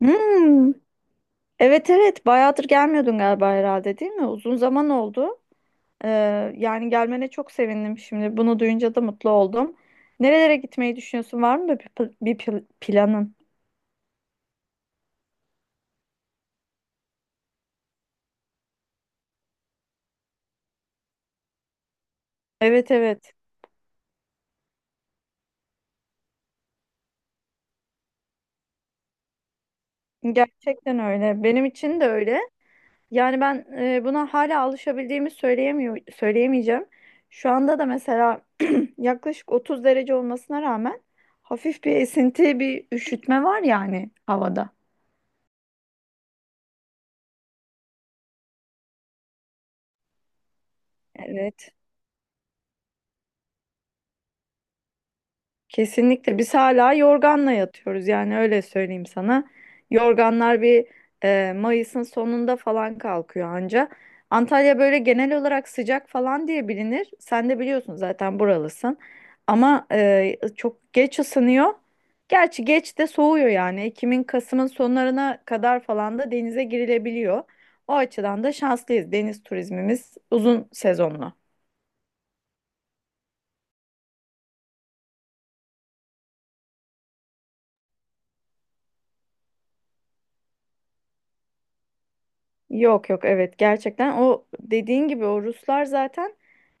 Hmm, evet evet bayağıdır gelmiyordun galiba herhalde değil mi? Uzun zaman oldu. Yani gelmene çok sevindim şimdi. Bunu duyunca da mutlu oldum. Nerelere gitmeyi düşünüyorsun? Var mı bir planın? Evet evet. Gerçekten öyle. Benim için de öyle. Yani ben buna hala alışabildiğimi söyleyemeyeceğim. Şu anda da mesela yaklaşık 30 derece olmasına rağmen hafif bir esinti, bir üşütme var yani havada. Evet. Kesinlikle biz hala yorganla yatıyoruz yani öyle söyleyeyim sana. Yorganlar Mayıs'ın sonunda falan kalkıyor anca. Antalya böyle genel olarak sıcak falan diye bilinir. Sen de biliyorsun zaten buralısın. Ama çok geç ısınıyor. Gerçi geç de soğuyor yani. Ekim'in Kasım'ın sonlarına kadar falan da denize girilebiliyor. O açıdan da şanslıyız. Deniz turizmimiz uzun sezonlu. Yok yok, evet, gerçekten o dediğin gibi o Ruslar zaten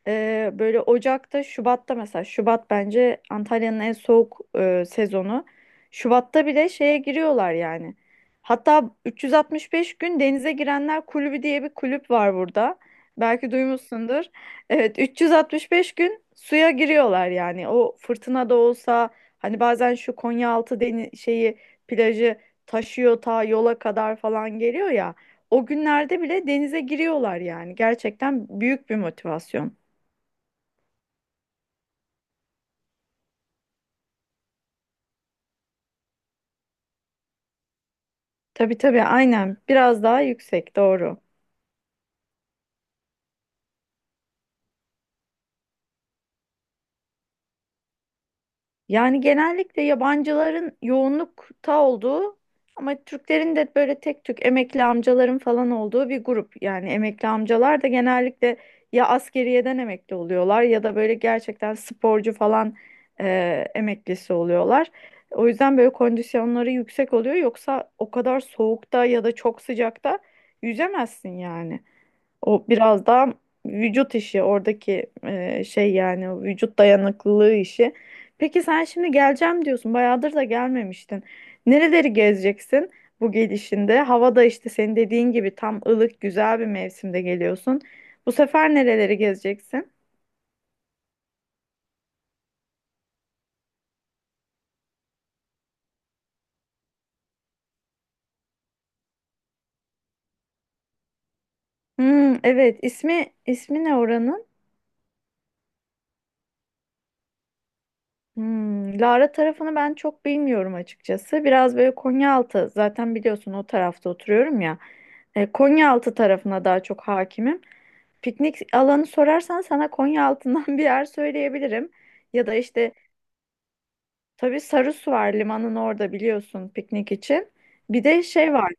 böyle Ocak'ta Şubat'ta, mesela Şubat bence Antalya'nın en soğuk sezonu. Şubat'ta bile şeye giriyorlar yani. Hatta 365 gün denize girenler kulübü diye bir kulüp var burada. Belki duymuşsundur. Evet, 365 gün suya giriyorlar yani. O fırtına da olsa hani bazen şu Konyaaltı şeyi, plajı taşıyor ta yola kadar falan geliyor ya. O günlerde bile denize giriyorlar yani. Gerçekten büyük bir motivasyon. Tabii tabii, aynen. Biraz daha yüksek, doğru. Yani genellikle yabancıların yoğunlukta olduğu ama Türklerin de böyle tek tük emekli amcaların falan olduğu bir grup. Yani emekli amcalar da genellikle ya askeriyeden emekli oluyorlar ya da böyle gerçekten sporcu falan e, emeklisi oluyorlar. O yüzden böyle kondisyonları yüksek oluyor. Yoksa o kadar soğukta ya da çok sıcakta yüzemezsin yani. O biraz daha vücut işi oradaki şey, yani o vücut dayanıklılığı işi. Peki sen şimdi geleceğim diyorsun. Bayağıdır da gelmemiştin. Nereleri gezeceksin bu gelişinde? Havada işte senin dediğin gibi tam ılık güzel bir mevsimde geliyorsun. Bu sefer nereleri gezeceksin? Hmm, evet, ismi ne oranın? Lara tarafını ben çok bilmiyorum açıkçası. Biraz böyle Konyaaltı, zaten biliyorsun o tarafta oturuyorum ya. Konyaaltı tarafına daha çok hakimim. Piknik alanı sorarsan sana Konya altından bir yer söyleyebilirim. Ya da işte tabii Sarısu var limanın orada, biliyorsun, piknik için. Bir de şey var.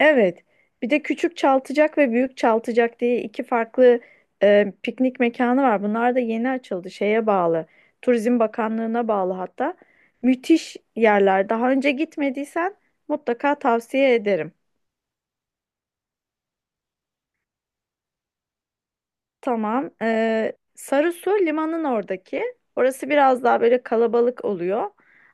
Evet. Bir de Küçük Çaltıcak ve Büyük Çaltıcak diye iki farklı piknik mekanı var. Bunlar da yeni açıldı. Şeye bağlı. Turizm Bakanlığı'na bağlı hatta. Müthiş yerler. Daha önce gitmediysen mutlaka tavsiye ederim. Tamam. Sarısu limanın oradaki. Orası biraz daha böyle kalabalık oluyor.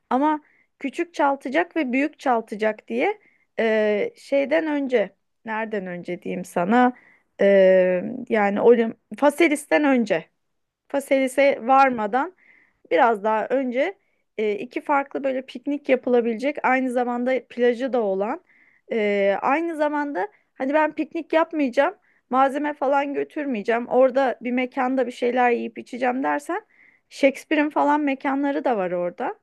Ama küçük çaltacak ve büyük çaltacak diye, şeyden önce, nereden önce diyeyim sana? Ee, yani o Faselis'ten önce. Faselis'e varmadan biraz daha önce iki farklı, böyle piknik yapılabilecek, aynı zamanda plajı da olan, aynı zamanda hani ben piknik yapmayacağım, malzeme falan götürmeyeceğim, orada bir mekanda bir şeyler yiyip içeceğim dersen Shakespeare'in falan mekanları da var orada.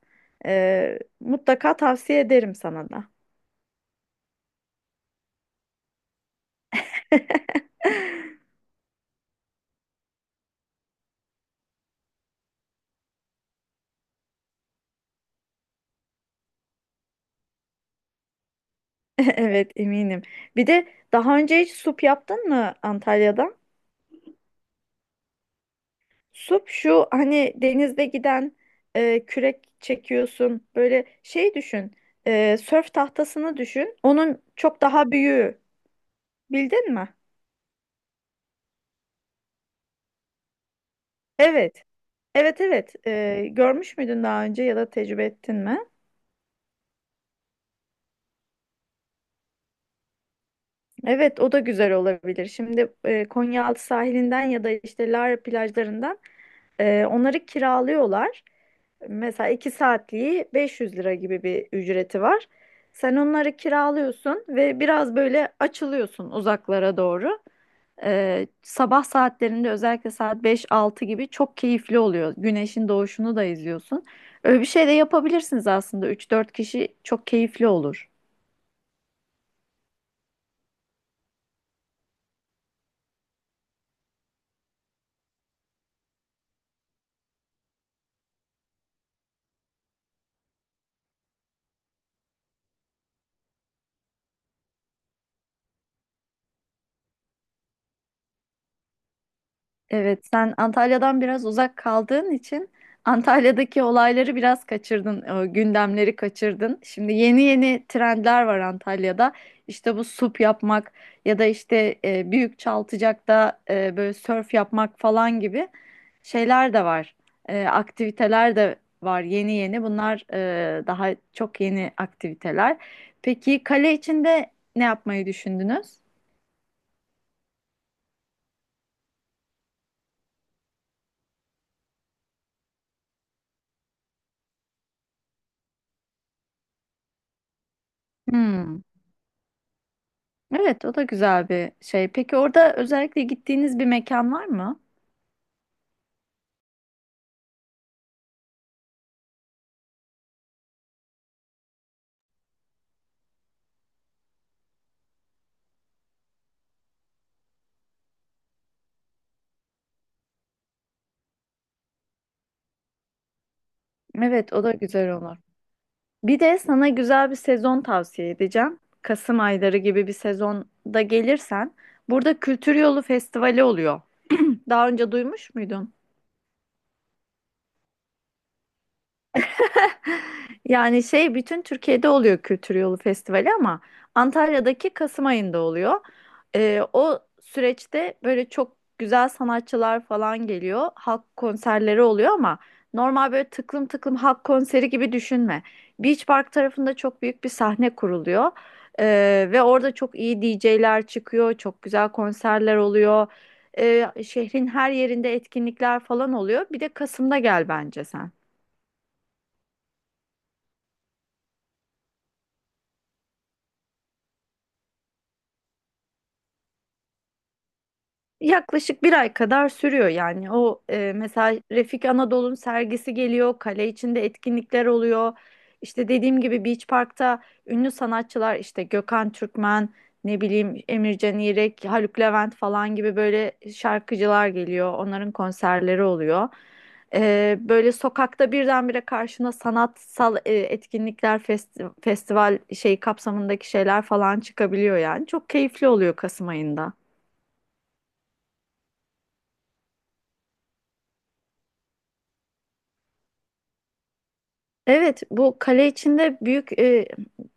Mutlaka tavsiye ederim sana da. Evet, eminim. Bir de daha önce hiç sup yaptın mı Antalya'da? Sup şu hani denizde giden, kürek çekiyorsun. Böyle şey düşün. Sörf tahtasını düşün. Onun çok daha büyüğü. Bildin mi? Evet. Evet evet. Görmüş müydün daha önce ya da tecrübe ettin mi? Evet, o da güzel olabilir. Şimdi Konyaaltı sahilinden ya da işte Lara plajlarından onları kiralıyorlar. Mesela 2 saatliği 500 lira gibi bir ücreti var. Sen onları kiralıyorsun ve biraz böyle açılıyorsun uzaklara doğru. Sabah saatlerinde özellikle saat 5-6 gibi çok keyifli oluyor. Güneşin doğuşunu da izliyorsun. Öyle bir şey de yapabilirsiniz aslında. Üç dört kişi çok keyifli olur. Evet, sen Antalya'dan biraz uzak kaldığın için Antalya'daki olayları biraz kaçırdın, gündemleri kaçırdın. Şimdi yeni yeni trendler var Antalya'da. İşte bu sup yapmak ya da işte büyük Çaltıcak'ta böyle sörf yapmak falan gibi şeyler de var. Aktiviteler de var yeni yeni. Bunlar daha çok yeni aktiviteler. Peki kale içinde ne yapmayı düşündünüz? Hmm. Evet, o da güzel bir şey. Peki orada özellikle gittiğiniz bir mekan var mı? Evet, o da güzel olur. Bir de sana güzel bir sezon tavsiye edeceğim. Kasım ayları gibi bir sezonda gelirsen, burada Kültür Yolu Festivali oluyor. Daha önce duymuş muydun? Yani şey bütün Türkiye'de oluyor Kültür Yolu Festivali ama Antalya'daki Kasım ayında oluyor. O süreçte böyle çok güzel sanatçılar falan geliyor. Halk konserleri oluyor ama normal böyle tıklım tıklım halk konseri gibi düşünme. Beach Park tarafında çok büyük bir sahne kuruluyor. Ve orada çok iyi DJ'ler çıkıyor. Çok güzel konserler oluyor. Şehrin her yerinde etkinlikler falan oluyor. Bir de Kasım'da gel bence sen. Yaklaşık bir ay kadar sürüyor yani. O mesela Refik Anadolu'nun sergisi geliyor, kale içinde etkinlikler oluyor. İşte dediğim gibi Beach Park'ta ünlü sanatçılar, işte Gökhan Türkmen, ne bileyim Emircan İrek, Haluk Levent falan gibi böyle şarkıcılar geliyor. Onların konserleri oluyor. Böyle sokakta birdenbire karşına sanatsal etkinlikler, festival şey kapsamındaki şeyler falan çıkabiliyor yani. Çok keyifli oluyor Kasım ayında. Evet, bu kale içinde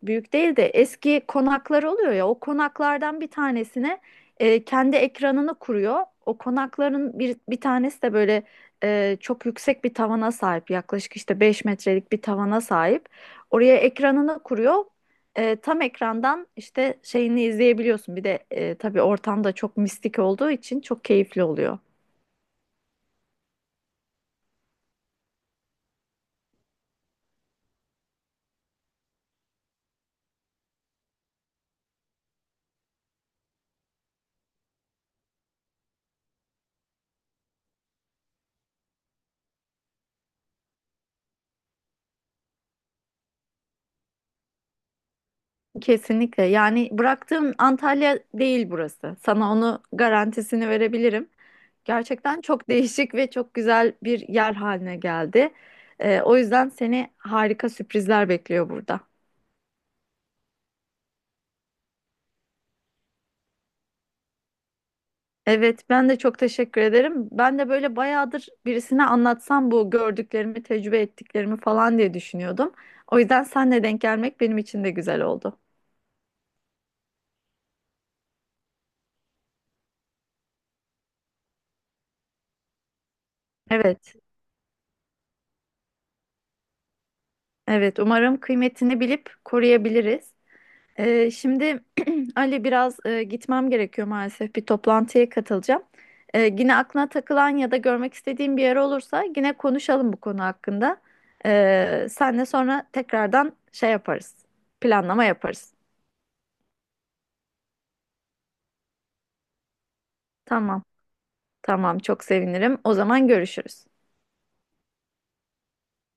büyük değil de eski konaklar oluyor ya. O konaklardan bir tanesine kendi ekranını kuruyor. O konakların bir tanesi de böyle çok yüksek bir tavana sahip. Yaklaşık işte 5 metrelik bir tavana sahip. Oraya ekranını kuruyor. Tam ekrandan işte şeyini izleyebiliyorsun. Bir de tabii ortam da çok mistik olduğu için çok keyifli oluyor. Kesinlikle. Yani bıraktığım Antalya değil burası. Sana onu garantisini verebilirim. Gerçekten çok değişik ve çok güzel bir yer haline geldi. O yüzden seni harika sürprizler bekliyor burada. Evet, ben de çok teşekkür ederim. Ben de böyle bayağıdır birisine anlatsam bu gördüklerimi, tecrübe ettiklerimi falan diye düşünüyordum. O yüzden senle denk gelmek benim için de güzel oldu. Evet, evet. Umarım kıymetini bilip koruyabiliriz. Şimdi Ali, biraz gitmem gerekiyor maalesef. Bir toplantıya katılacağım. Yine aklına takılan ya da görmek istediğin bir yer olursa yine konuşalım bu konu hakkında. Senle sonra tekrardan şey yaparız. Planlama yaparız. Tamam. Tamam, çok sevinirim. O zaman görüşürüz.